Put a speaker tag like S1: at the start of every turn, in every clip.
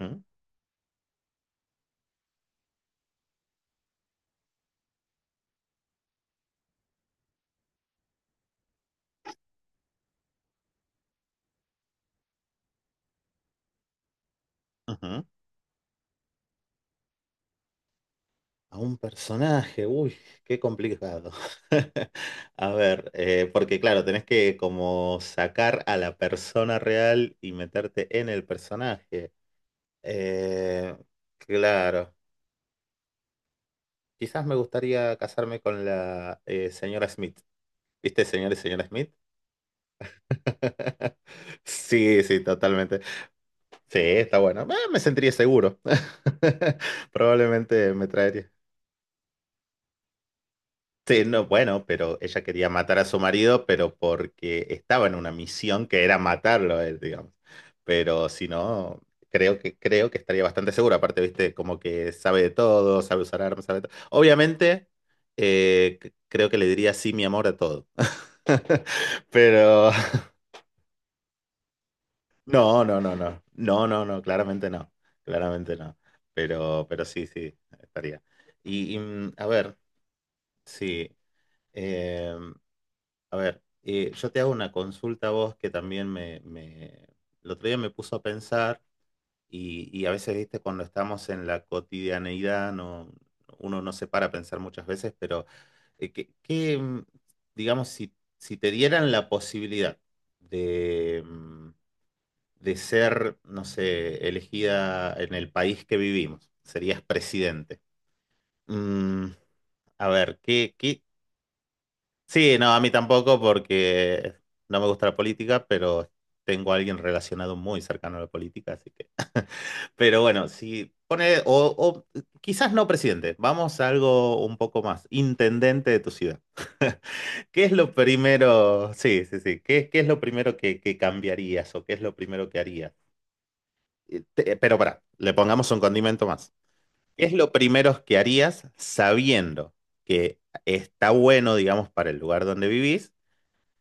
S1: Ujú, ujú. A un personaje, uy, qué complicado. A ver, porque claro, tenés que como sacar a la persona real y meterte en el personaje. Eh, claro, quizás me gustaría casarme con la señora Smith. ¿Viste, señor y señora Smith? Sí, sí, totalmente. Sí, está bueno. Me sentiría seguro. Probablemente me traería. Sí, no, bueno, pero ella quería matar a su marido, pero porque estaba en una misión que era matarlo a él, digamos. Pero si no, creo que estaría bastante segura. Aparte, viste, como que sabe de todo, sabe usar armas, sabe de todo. Obviamente, creo que le diría sí, mi amor, a todo. Pero no, no, no, no. No, no, no, claramente no. Claramente no. Pero sí, sí, estaría. A ver, sí. em, A ver, yo te hago una consulta a vos que también el otro día me puso a pensar y a veces, viste, cuando estamos en la cotidianeidad, no, uno no se para a pensar muchas veces, pero eh, que, que, mm, digamos, si te dieran la posibilidad de, mm, de ser, no sé, elegida en el país que vivimos, serías presidente. Mm, a ver, ¿qué, qué? Sí, no, a mí tampoco porque no me gusta la política, pero tengo a alguien relacionado muy cercano a la política, así que... Pero bueno, si pone, o quizás no presidente, vamos a algo un poco más, intendente de tu ciudad. ¿Qué es lo primero? Sí, sí, sí. ¿Qué es lo primero que cambiarías o qué es lo primero que harías? Pero para, le pongamos un condimento más. ¿Qué es lo primero que harías sabiendo que está bueno, digamos, para el lugar donde vivís?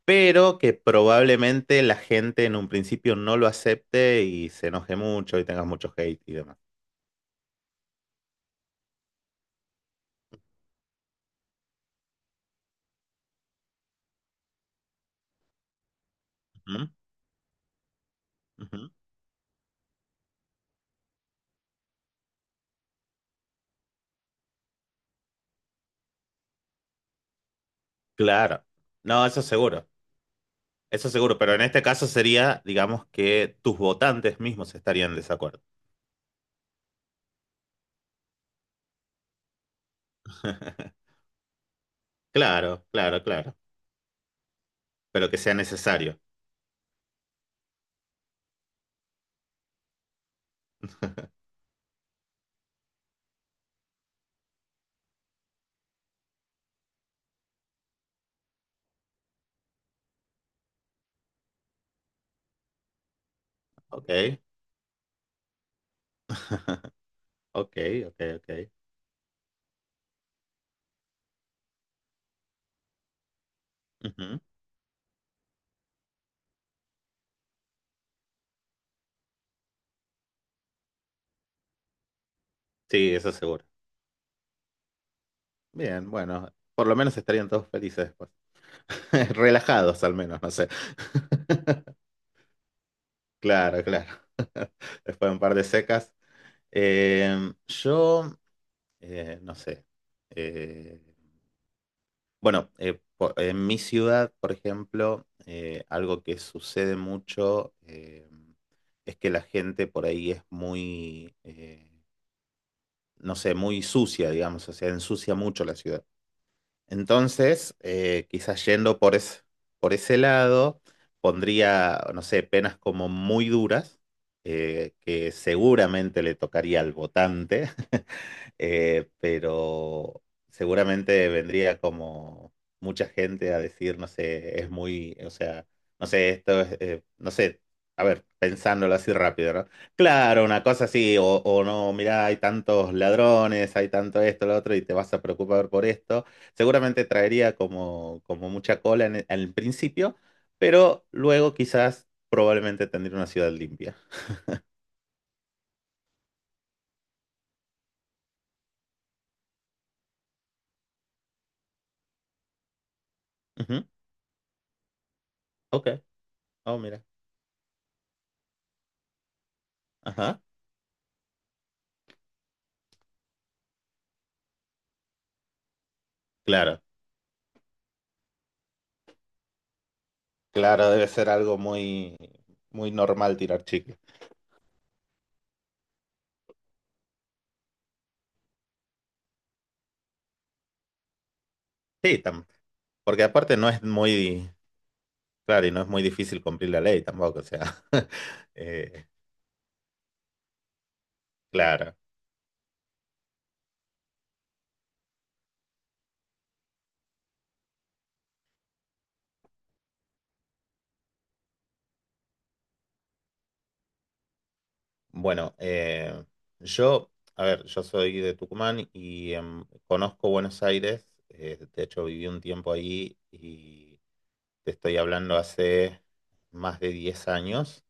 S1: Pero que probablemente la gente en un principio no lo acepte y se enoje mucho y tengas mucho hate y demás. Ujú, ujú. Claro. No, eso seguro, pero en este caso sería, digamos, que tus votantes mismos estarían en desacuerdo. Claro, claro, claro, pero que sea necesario. Ok, ok, ok, ok. Ujú. Sí, eso seguro. Bien, bueno, por lo menos estarían todos felices después. Relajados al menos, no sé. Claro, claro. Después de un par de secas. Eh, yo, no sé. Eh, bueno, en mi ciudad, por ejemplo, algo que sucede mucho es que la gente por ahí es muy, no sé, muy sucia, digamos. O sea, ensucia mucho la ciudad. Entonces, quizás yendo por ese lado, pondría, no sé, penas como muy duras, que seguramente le tocaría al votante, pero seguramente vendría como mucha gente a decir, no sé, es muy, o sea, no sé, esto es, no sé, a ver, pensándolo así rápido, ¿no? Claro, una cosa así, o no, mirá, hay tantos ladrones, hay tanto esto, lo otro, y te vas a preocupar por esto. Seguramente traería como mucha cola al principio, pero luego quizás probablemente tendría una ciudad limpia. Ujú, ok, oh, mira, ajá. Claro, claro, debe ser algo muy, muy normal tirar chicle. Sí, porque aparte no es muy, claro, y no es muy difícil cumplir la ley tampoco, o sea, eh, claro. Bueno, yo, a ver, yo soy de Tucumán y conozco Buenos Aires, de hecho viví un tiempo ahí y te estoy hablando hace más de 10 años.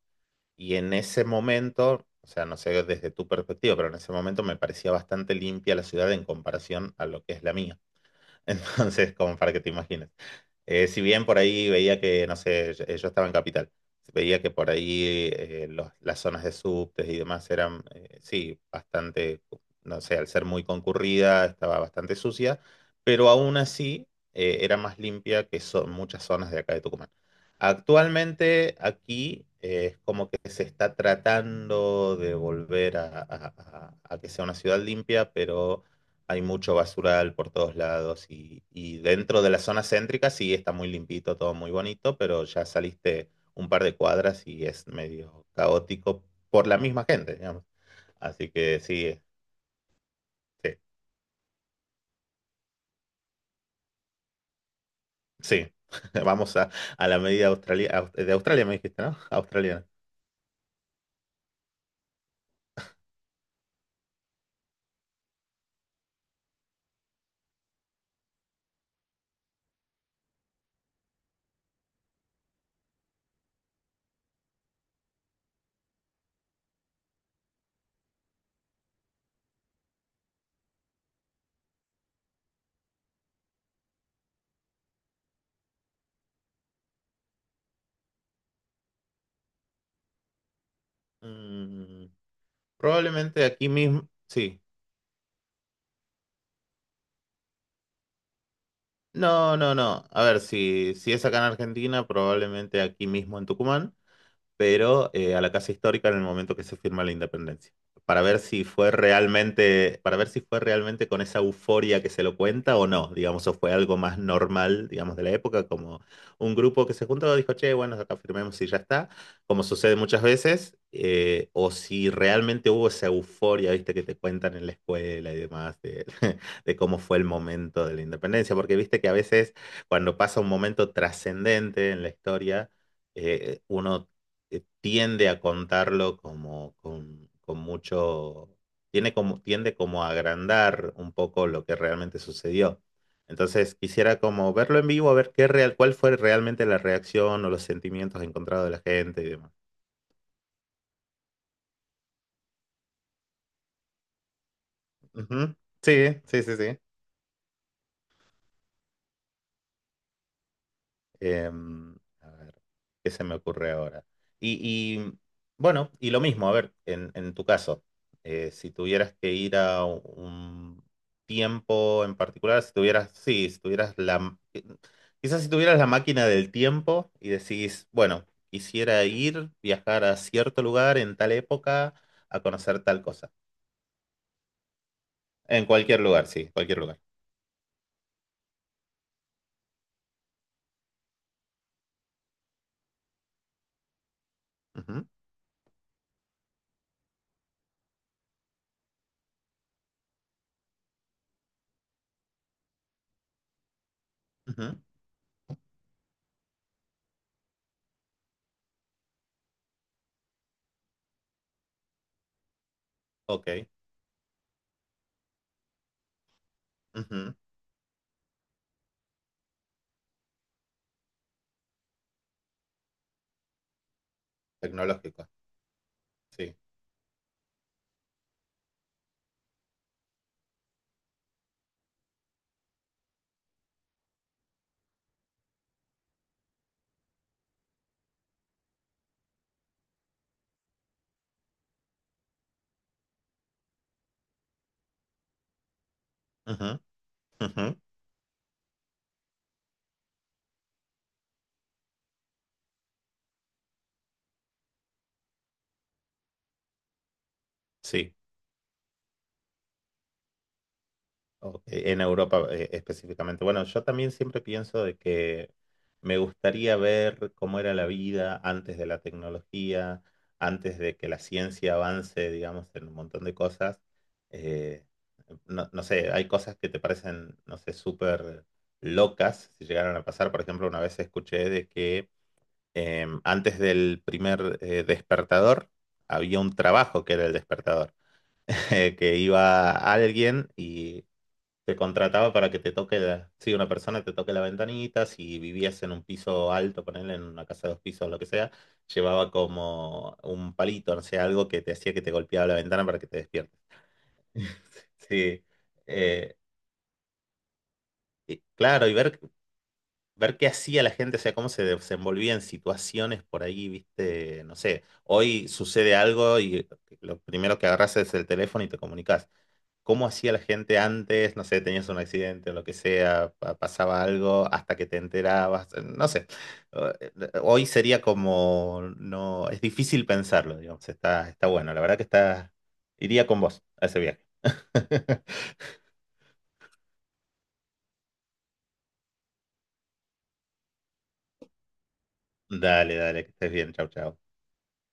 S1: Y en ese momento, o sea, no sé desde tu perspectiva, pero en ese momento me parecía bastante limpia la ciudad en comparación a lo que es la mía. Entonces, como para que te imagines. Si bien por ahí veía que, no sé, yo estaba en Capital, veía que por ahí las zonas de subtes y demás eran, sí, bastante, no sé, al ser muy concurrida, estaba bastante sucia, pero aún así era más limpia que son muchas zonas de acá de Tucumán. Actualmente aquí es como que se está tratando de volver a que sea una ciudad limpia, pero hay mucho basural por todos lados y dentro de la zona céntrica sí está muy limpito, todo muy bonito, pero ya saliste un par de cuadras y es medio caótico por la misma gente, digamos. Así que sí, sí, sí. Vamos a la medida australia, de Australia, me dijiste, ¿no? Australiana. Mm, Probablemente aquí mismo, sí. No, no, no. A ver, si es acá en Argentina, probablemente aquí mismo en Tucumán. Pero a la Casa Histórica en el momento que se firma la independencia, para ver si fue realmente con esa euforia que se lo cuenta o no, digamos, o fue algo más normal, digamos, de la época, como un grupo que se juntó, dijo, che, bueno, acá firmemos y ya está, como sucede muchas veces, o si realmente hubo esa euforia, viste, que te cuentan en la escuela y demás, de, de cómo fue el momento de la independencia, porque viste que a veces cuando pasa un momento trascendente en la historia, uno tiende a contarlo como con, mucho, tiende como a agrandar un poco lo que realmente sucedió. Entonces quisiera como verlo en vivo, a ver cuál fue realmente la reacción o los sentimientos encontrados de la gente y demás. Ujú. Sí, sí, sí, sí. Em, a ver, ¿qué se me ocurre ahora? Y, y, bueno, y lo mismo, a ver, en tu caso, si tuvieras que ir a un tiempo en particular, sí, quizás si tuvieras la máquina del tiempo y decís, bueno, quisiera viajar a cierto lugar en tal época a conocer tal cosa. En cualquier lugar, sí, cualquier lugar. Ujú, ujú, ok, ujú, tecnológico, sí. Ujú, ujú, sí. Ok, en Europa específicamente. Bueno, yo también siempre pienso de que me gustaría ver cómo era la vida antes de la tecnología, antes de que la ciencia avance, digamos, en un montón de cosas. Eh, no, no sé, hay cosas que te parecen, no sé, súper locas si llegaron a pasar. Por ejemplo, una vez escuché de que antes del primer despertador había un trabajo que era el despertador que iba alguien y te contrataba para que te toque la, sí, una persona te toque la ventanita, si vivías en un piso alto, ponerle en una casa de dos pisos, lo que sea, llevaba como un palito, no sé, algo que te hacía que te golpeaba la ventana para que te despiertes. Sí, eh, y claro, y ver qué hacía la gente, o sea, cómo se desenvolvía en situaciones por ahí, viste, no sé, hoy sucede algo y lo primero que agarras es el teléfono y te comunicas. Cómo hacía la gente antes, no sé, tenías un accidente o lo que sea, pasaba algo hasta que te enterabas, no sé. Eh, Hoy sería como, no, es difícil pensarlo, digamos, está bueno, la verdad que iría con vos a ese viaje. Dale, dale, que estés bien, chau, chau.